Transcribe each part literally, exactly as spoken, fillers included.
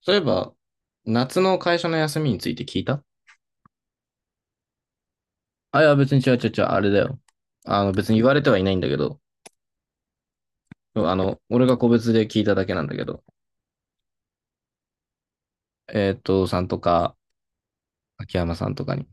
そういえば、夏の会社の休みについて聞いた。あ、いや、別に違う違う違う、あれだよ。あの、別に言われてはいないんだけど、あの、俺が個別で聞いただけなんだけど、えーっと、さんとか、秋山さんとかに。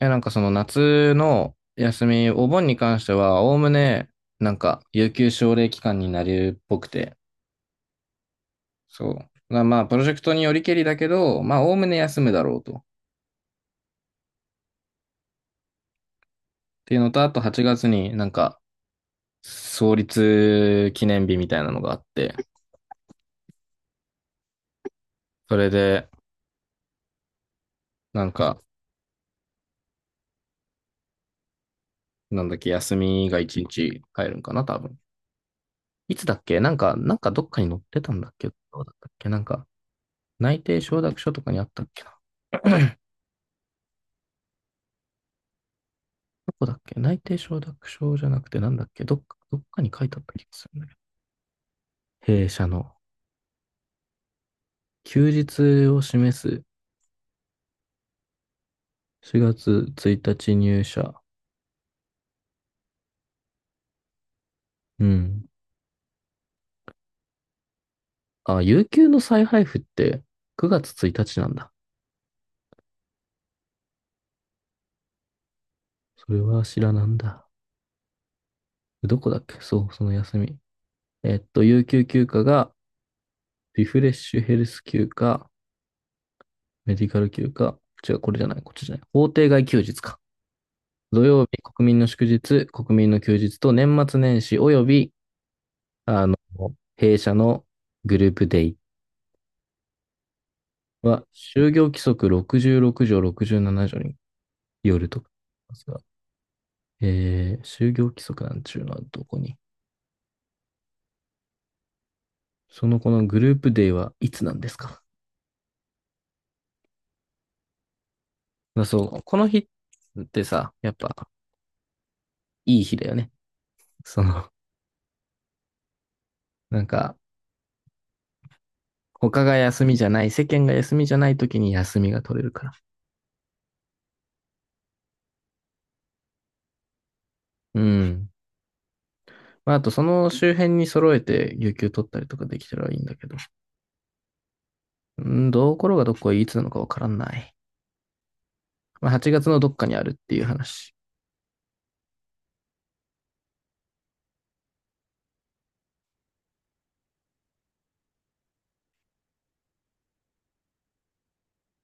え、なんかその夏の休み、お盆に関しては、おおむね、なんか、有給奨励期間になるっぽくて、そう。まあ、まあプロジェクトによりけりだけど、まあ、おおむね休むだろうと。っていうのと、あとはちがつになんか、創立記念日みたいなのがあって、それで、なんか、なんだっけ、休みが一日入るんかな、多分。いつだっけなんか、なんかどっかに載ってたんだっけ。どうだったっけなんか、内定承諾書とかにあったっけな。どこだっけ、内定承諾書じゃなくてなんだっけ、どっか、どっかに書いてあった気がするんだけど。弊社の休日を示す。しがつついたち入社。うん。あ、有給の再配布ってくがつついたちなんだ。それは知らなんだ。どこだっけ、そう、その休み。えっと、有給休暇が、リフレッシュヘルス休暇、メディカル休暇、違う、これじゃない、こっちじゃない。法定外休日か。土曜日、国民の祝日、国民の休日と年末年始および、あの、弊社のグループデイは、就業規則ろくじゅうろく条ろくじゅうなな条によるとかですが、えー、就業規則なんちゅうのはどこに。そのこのグループデイはいつなんですか。だそう、この日ってさ、やっぱいい日だよね。その、なんか、他が休みじゃない、世間が休みじゃない時に休みが取れるから。うん。まあ、あとその周辺に揃えて有給取ったりとかできたらいいんだけど。うん、どうころがどこがいつなのかわからない。まあ、はちがつのどっかにあるっていう話。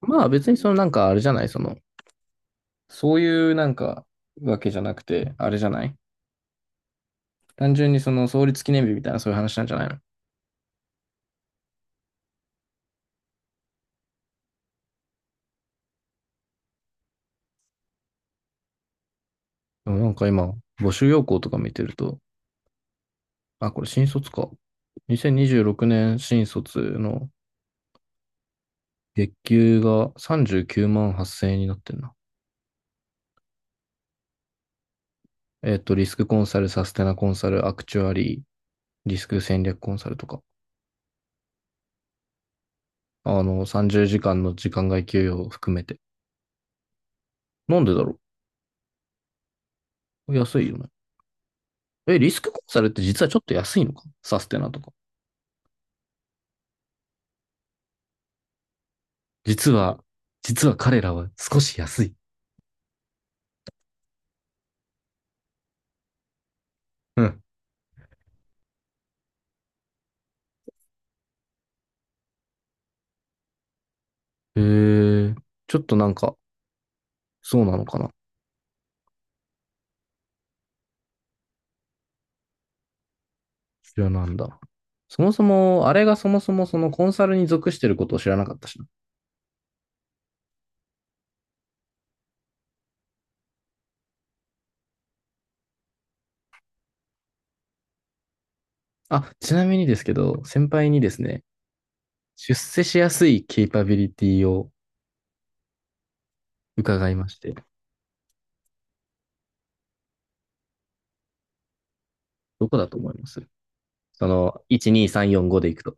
まあ別にそのなんかあれじゃない、その、そういうなんかわけじゃなくて、あれじゃない、単純にその創立記念日みたいなそういう話なんじゃないの。でもなんか今、募集要項とか見てると、あ、これ新卒か。にせんにじゅうろくねん新卒の月給がさんじゅうきゅうまんはっせんえんになってんな。えっと、リスクコンサル、サステナコンサル、アクチュアリー、リスク戦略コンサルとか、あの、さんじゅうじかんの時間外給与を含めて。なんでだろう、安いよね。え、リスクコンサルって実はちょっと安いのか、サステナとか。実は、実は彼らは少し安い。うん。へえ、ちょっとなんか、そうなのかな。知らなんだ。そもそも、あれがそもそもそのコンサルに属してることを知らなかったしな。あ、ちなみにですけど、先輩にですね、出世しやすいケイパビリティを伺いまして、どこだと思います？その、いち、に、さん、よん、ごでいくと、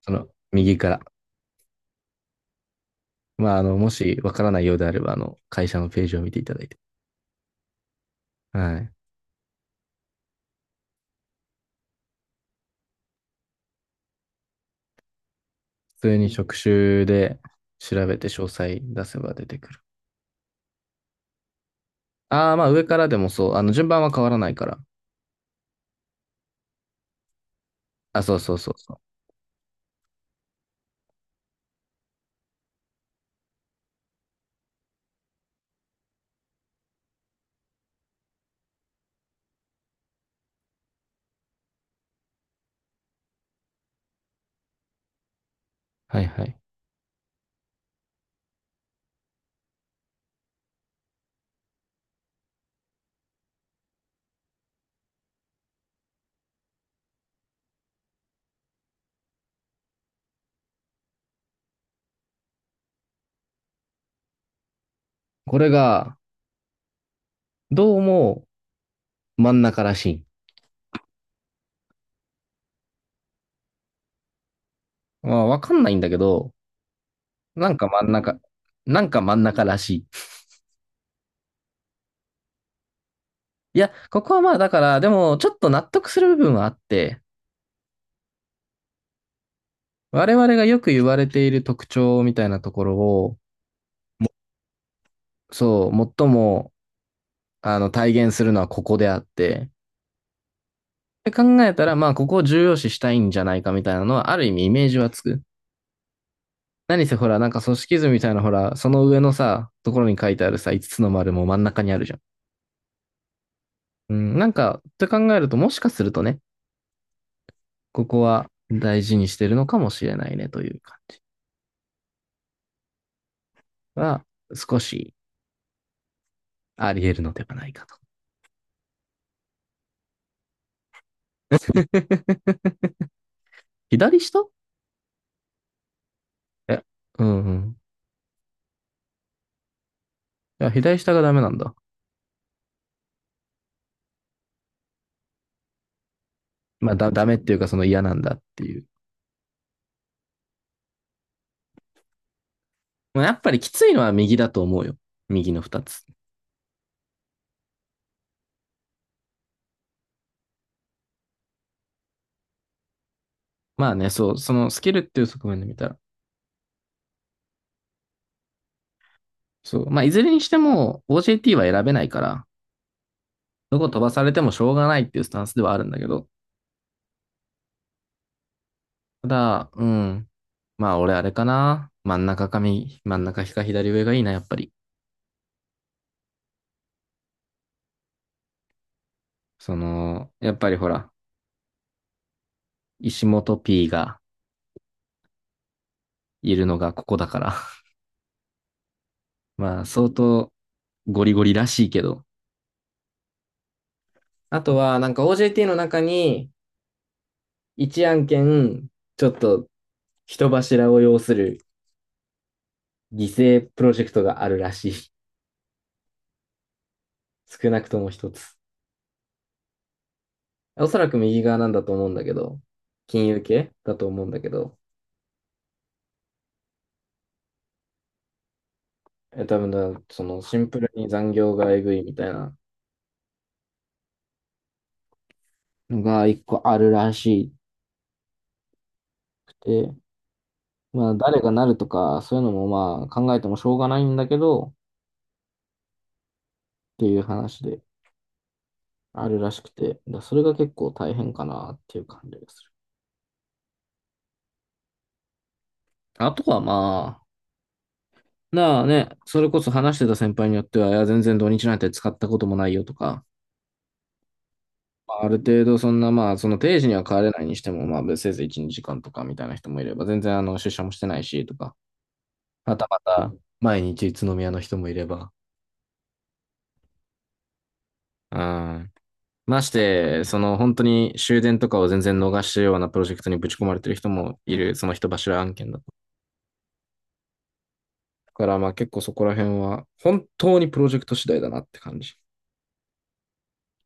その、右から。まあ、あの、もしわからないようであれば、あの、会社のページを見ていただいて。はい。普通に職種で調べて詳細出せば出てくる。ああ、まあ、上からでもそう。あの、順番は変わらないから。あ、そうそうそうそう。はいはい。これが、どうも真ん中らしい。まあ、わかんないんだけど、なんか真ん中、なんか真ん中らしい。いや、ここはまあだから、でもちょっと納得する部分はあって、我々がよく言われている特徴みたいなところを、そう、最も、あの、体現するのはここであって、で考えたら、まあ、ここを重要視したいんじゃないかみたいなのは、ある意味イメージはつく。何せほら、なんか組織図みたいなほら、その上のさ、ところに書いてあるさ、いつつつの丸も真ん中にあるじゃん。うん、なんか、って考えると、もしかするとね、ここは大事にしてるのかもしれないねという感じは、少しあり得るのではないかと。左下、え、うんうん。いや左下がダメなんだ。まあ、だ、ダメっていうかその嫌なんだっていう。まあ、やっぱりきついのは右だと思うよ。右の二つ。まあね、そう、そのスキルっていう側面で見たら。そう。まあ、いずれにしても オージェーティー は選べないから、どこ飛ばされてもしょうがないっていうスタンスではあるんだけど。ただ、うん。まあ、俺あれかな。真ん中かみ真ん中か左上がいいな、やっぱり。その、やっぱりほら、石本 P がいるのがここだから。まあ、相当ゴリゴリらしいけど。あとは、なんか オージェーティー の中に、一案件、ちょっと人柱を要する犠牲プロジェクトがあるらしい。少なくとも一つ。おそらく右側なんだと思うんだけど、金融系だと思うんだけど、え多分だ、そのシンプルに残業がえぐいみたいなのが一個あるらしくて、まあ誰がなるとか、そういうのもまあ考えてもしょうがないんだけど、っていう話で。あるらしくて、だそれが結構大変かなっていう感じがする。あとはまあ、なあね、それこそ話してた先輩によっては、いや、全然土日なんて使ったこともないよとか、まあある程度そんなまあ、その定時には帰れないにしても、まあ、せいぜいいち、にじかんとかみたいな人もいれば、全然あの、出社もしてないしとか、またまた、毎日宇都宮の人もいれば、うん。まして、その本当に終電とかを全然逃したようなプロジェクトにぶち込まれてる人もいる、その人柱案件だと。からまあ結構そこら辺は本当にプロジェクト次第だなって感じ。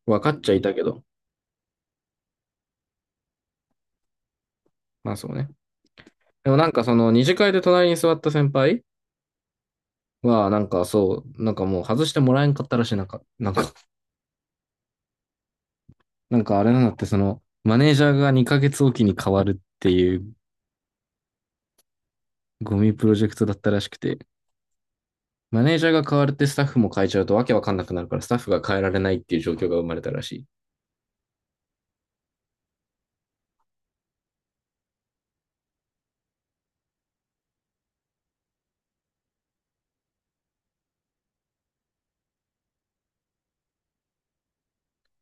分かっちゃいたけど、まあそうね。でもなんかその二次会で隣に座った先輩はなんかそう、なんかもう外してもらえんかったらしい。なんか、なんか、なんかあれなんだって、そのマネージャーがにかげつおきに変わるっていうゴミプロジェクトだったらしくて、マネージャーが変わるってスタッフも変えちゃうとわけわかんなくなるから、スタッフが変えられないっていう状況が生まれたらしい。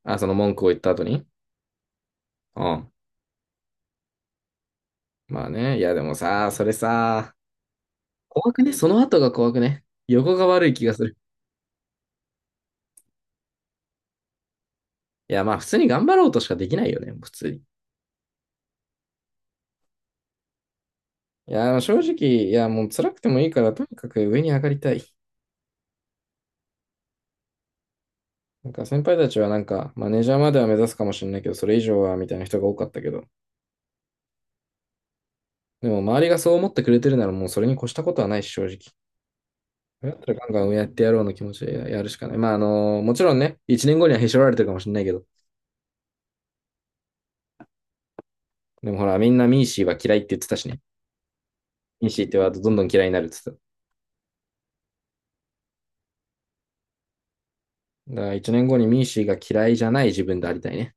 あ、その文句を言った後に。うん。まあね、いやでもさ、それさ、怖くね？その後が怖くね？横が悪い気がする。いや、まあ普通に頑張ろうとしかできないよね、普通に。いや、あ正直、いや、もう辛くてもいいから、とにかく上に上がりたい。なんか先輩たちはなんか、マネージャーまでは目指すかもしれないけど、それ以上はみたいな人が多かったけど、でも周りがそう思ってくれてるならもうそれに越したことはないし、正直。だったらガンガン上やってやろうの気持ちでやるしかない。まああのもちろんね、いちねんごにはへし折られてるかもしれないけど、でもほら、みんなミーシーは嫌いって言ってたしね。ミーシーってワードどんどん嫌いになるって言ってた。だから一年後にミーシーが嫌いじゃない自分でありたいね。